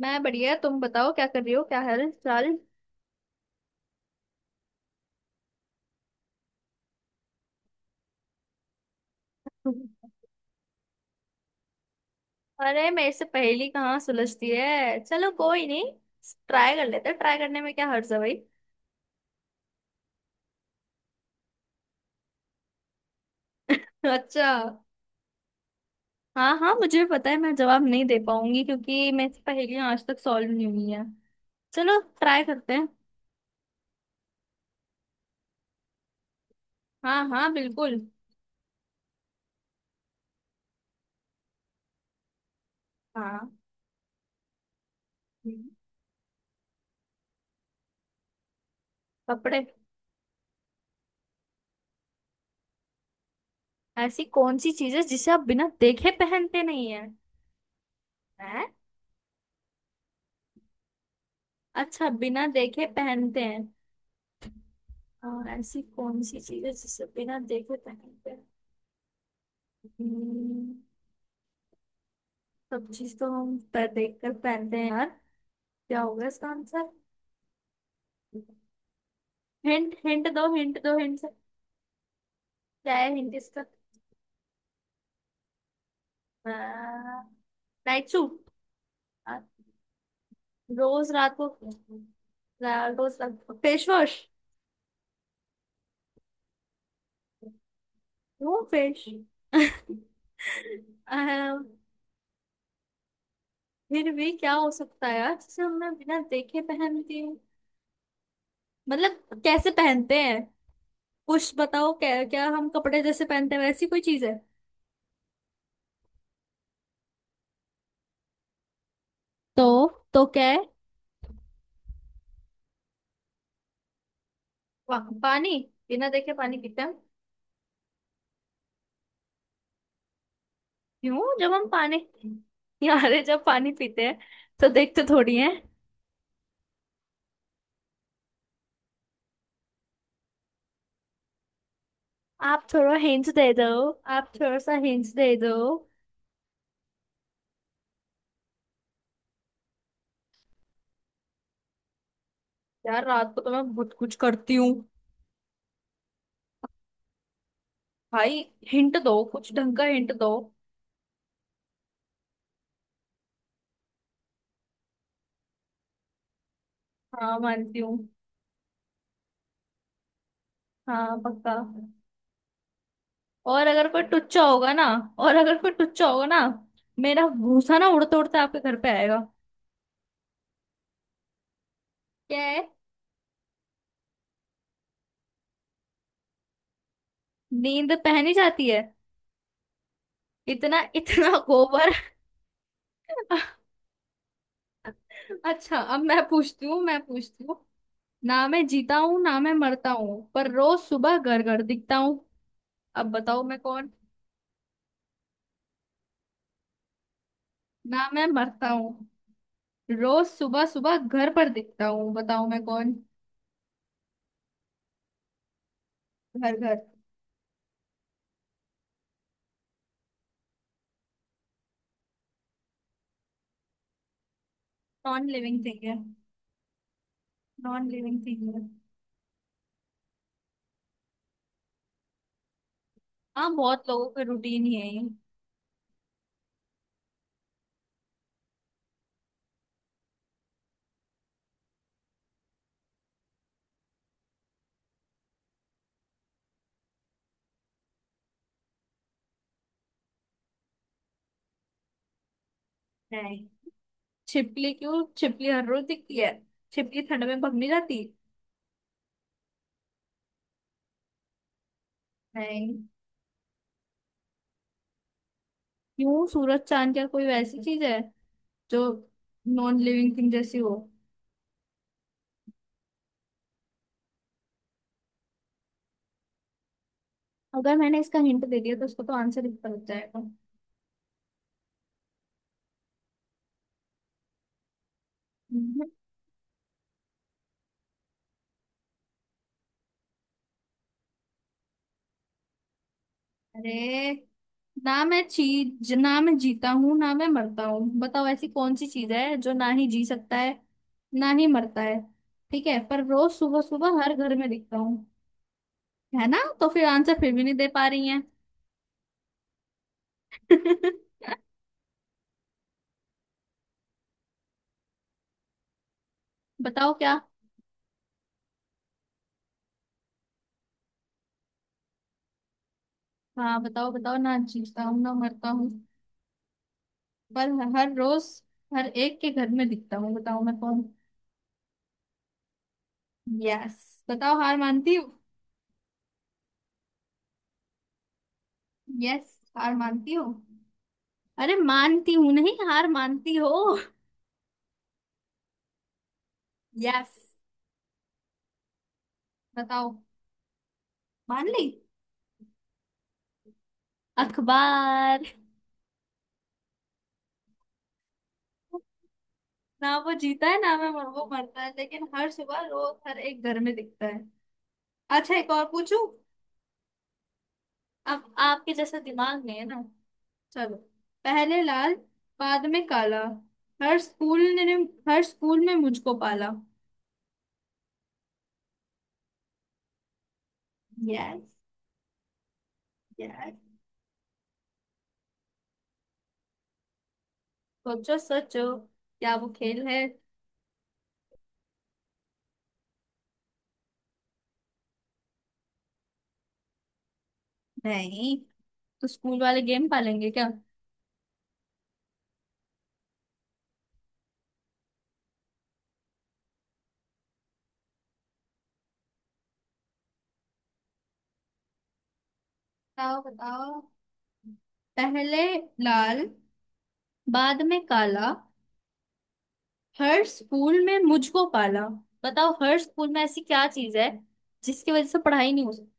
मैं बढ़िया। तुम बताओ, क्या कर रही हो? क्या हाल चाल? अरे मेरे से पहेली कहाँ सुलझती है। चलो कोई नहीं, ट्राई कर लेते हैं। ट्राई करने में क्या हर्ज है भाई। अच्छा। हाँ हाँ, मुझे भी पता है मैं जवाब नहीं दे पाऊंगी, क्योंकि मेरे से पहेलियां आज तक सॉल्व नहीं हुई है। चलो ट्राई करते हैं। हाँ हाँ बिल्कुल। हाँ। हम्म। कपड़े। ऐसी कौन सी चीज है जिसे आप बिना देखे पहनते नहीं है, हैं। अच्छा, बिना देखे पहनते हैं। और ऐसी कौन सी चीज है जिसे बिना देखे पहनते हैं? हम्म, सब चीज तो हम पर देख कर पहनते हैं यार। क्या होगा इसका आंसर? हिंट, हिंट दो, हिंट दो, हिंट से क्या है हिंट इसका? Night suit. रोज रात को। रा- रोज रात को फेस वॉश। No face. फिर भी क्या हो सकता है यार जिसे हमने बिना देखे पहनती हूँ? मतलब कैसे पहनते हैं? कुछ बताओ, क्या क्या हम कपड़े जैसे पहनते हैं वैसी कोई चीज है? तो तो क्या है? पा, पानी। बिना देखे पानी पीते हैं हम? क्यों, जब हम पानी यारे जब पानी पीते हैं तो देखते थोड़ी हैं। आप थोड़ा हिंट दे दो। आप थोड़ा सा हिंट दे दो। यार रात को तो मैं बहुत कुछ करती हूँ। भाई हिंट दो, कुछ ढंग का हिंट दो। हाँ, मानती हूँ। हाँ पक्का। और अगर कोई टुच्चा होगा ना, और अगर कोई टुच्चा होगा ना, मेरा भूसा ना उड़ते उड़ते आपके घर पे आएगा। क्या है? नींद पहनी जाती है? इतना इतना गोबर। अच्छा, अब मैं पूछती हूँ, मैं पूछती हूँ। ना मैं जीता हूँ, ना मैं मरता हूँ, पर रोज सुबह घर घर दिखता हूँ। अब बताओ मैं कौन? ना मैं मरता हूँ, रोज सुबह सुबह घर पर दिखता हूँ, बताओ मैं कौन। घर घर। नॉन लिविंग थिंग है। नॉन लिविंग थिंग है। हाँ, बहुत लोगों का रूटीन ही है ये। नहीं। छिपकली? क्यों, छिपकली हर रोज दिखती है? छिपकली ठंड में भाग नहीं जाती? नहीं। क्यों सूरज चांद, क्या कोई वैसी चीज है जो नॉन लिविंग थिंग जैसी हो? अगर मैंने इसका हिंट दे दिया तो उसको तो आंसर ही पता जाएगा। हम्म, अरे, ना मैं चीज, ना मैं जीता हूँ, ना मैं मरता हूँ। बताओ ऐसी कौन सी चीज है जो ना ही जी सकता है, ना ही मरता है। ठीक है, पर रोज सुबह सुबह हर घर में दिखता हूँ। है ना, तो फिर आंसर फिर भी नहीं दे पा रही हैं। बताओ क्या। हाँ बताओ, बताओ, ना जीता हूँ ना मरता हूँ, पर हर रोज हर एक के घर में दिखता हूँ। बताओ मैं कौन? यस। बताओ, हार मानती हो? यस, हार मानती हो। अरे मानती हूँ नहीं, हार मानती हो? यस, बताओ। मान ली। अखबार। ना वो जीता है, ना मैं वो मरता है, लेकिन हर सुबह रोज हर एक घर में दिखता है। अच्छा, एक और पूछू? अब आपके जैसे दिमाग में है ना। चलो। पहले लाल, बाद में काला, हर स्कूल ने, हर स्कूल में मुझको पाला। यस। यस, सोचो सोचो। क्या वो खेल है? नहीं, तो स्कूल वाले गेम पालेंगे क्या? बताओ, बताओ। पहले लाल, बाद में काला, हर स्कूल में मुझको पाला। बताओ हर स्कूल में ऐसी क्या चीज है जिसकी वजह से पढ़ाई नहीं हो सकती।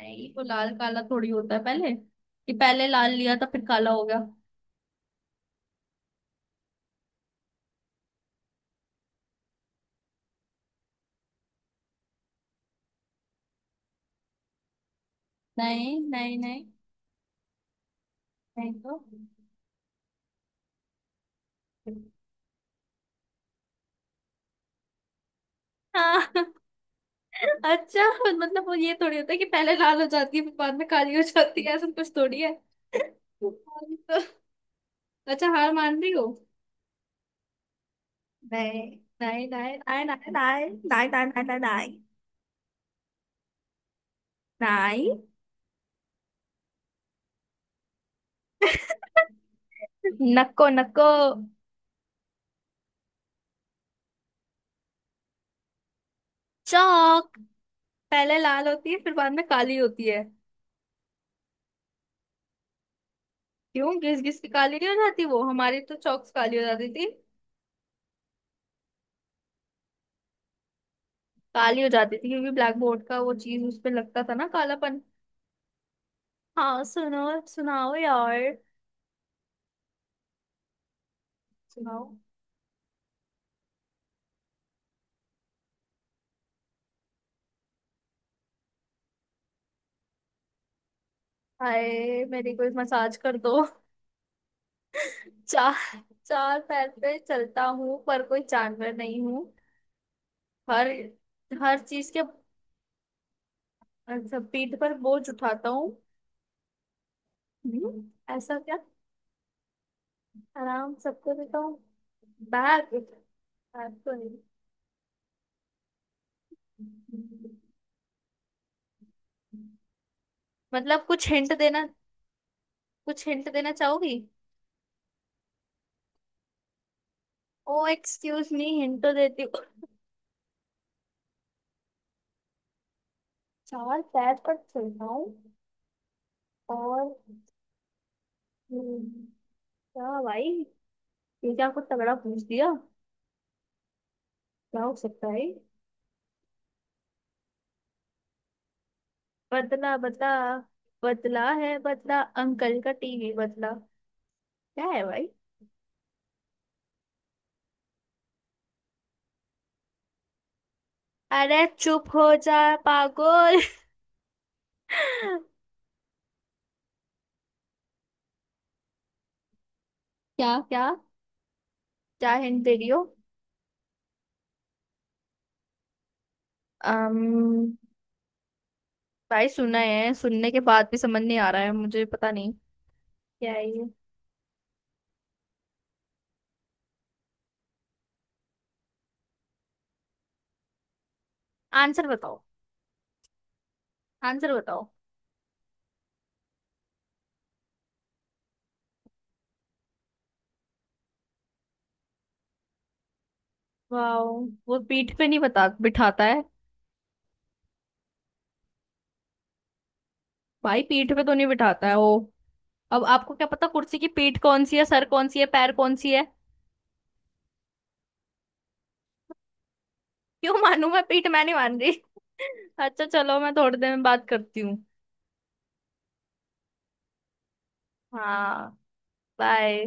नहीं, तो लाल काला थोड़ी होता है पहले कि पहले लाल लिया था फिर काला हो गया। नहीं नहीं नहीं। नहीं तो। हाँ। अच्छा, मतलब वो ये थोड़ी होता है कि पहले लाल हो जाती है फिर बाद में काली हो जाती है, ऐसा कुछ थोड़ी है। तो अच्छा, हार मान रही हो? này này này này này này này này này này này này। नक्को नक्को। चौक। पहले लाल होती है, फिर बाद में काली होती है। क्यों, घिस घिस के काली नहीं हो जाती? वो हमारी तो चौक से काली हो जाती थी। काली हो जाती थी क्योंकि ब्लैक बोर्ड का वो चीज उस पे लगता था ना, कालापन। हाँ सुनो, सुनाओ यार। सुनाओ। हाय, मेरी कोई मसाज कर दो। चार, चार पैर पे चलता हूँ पर कोई जानवर नहीं हूँ। हर, हर चीज के। अच्छा, पीठ पर बोझ उठाता हूँ। ऐसा क्या? आराम सबको देता हूँ? बैग। बैग तो नहीं। मतलब कुछ हिंट देना, कुछ हिंट देना चाहोगी? ओ एक्सक्यूज मी, हिंट तो देती हूँ। चार पैर पर चलता हूँ और हम्म, क्या भाई, ये क्या कुछ तगड़ा पूछ दिया? क्या हो सकता है ये? बदला, बदला। बदला है बदला, अंकल का टीवी बदला। क्या है भाई? अरे चुप हो जा पागल। क्या? क्या, क्या हिंट दे रही हो? अम्म, भाई सुना है, सुनने के बाद भी समझ नहीं आ रहा है, मुझे पता नहीं क्या है ये। आंसर बताओ। आंसर बताओ। वाओ। वो पीठ पे नहीं बता बिठाता है? भाई पीठ पे तो नहीं बिठाता है वो। अब आपको क्या पता कुर्सी की पीठ कौन सी है, सर कौन सी है, पैर कौन सी है। क्यों मानू मैं? पीठ मैं नहीं मान रही। अच्छा चलो, मैं थोड़ी देर में बात करती हूँ। हाँ। बाय।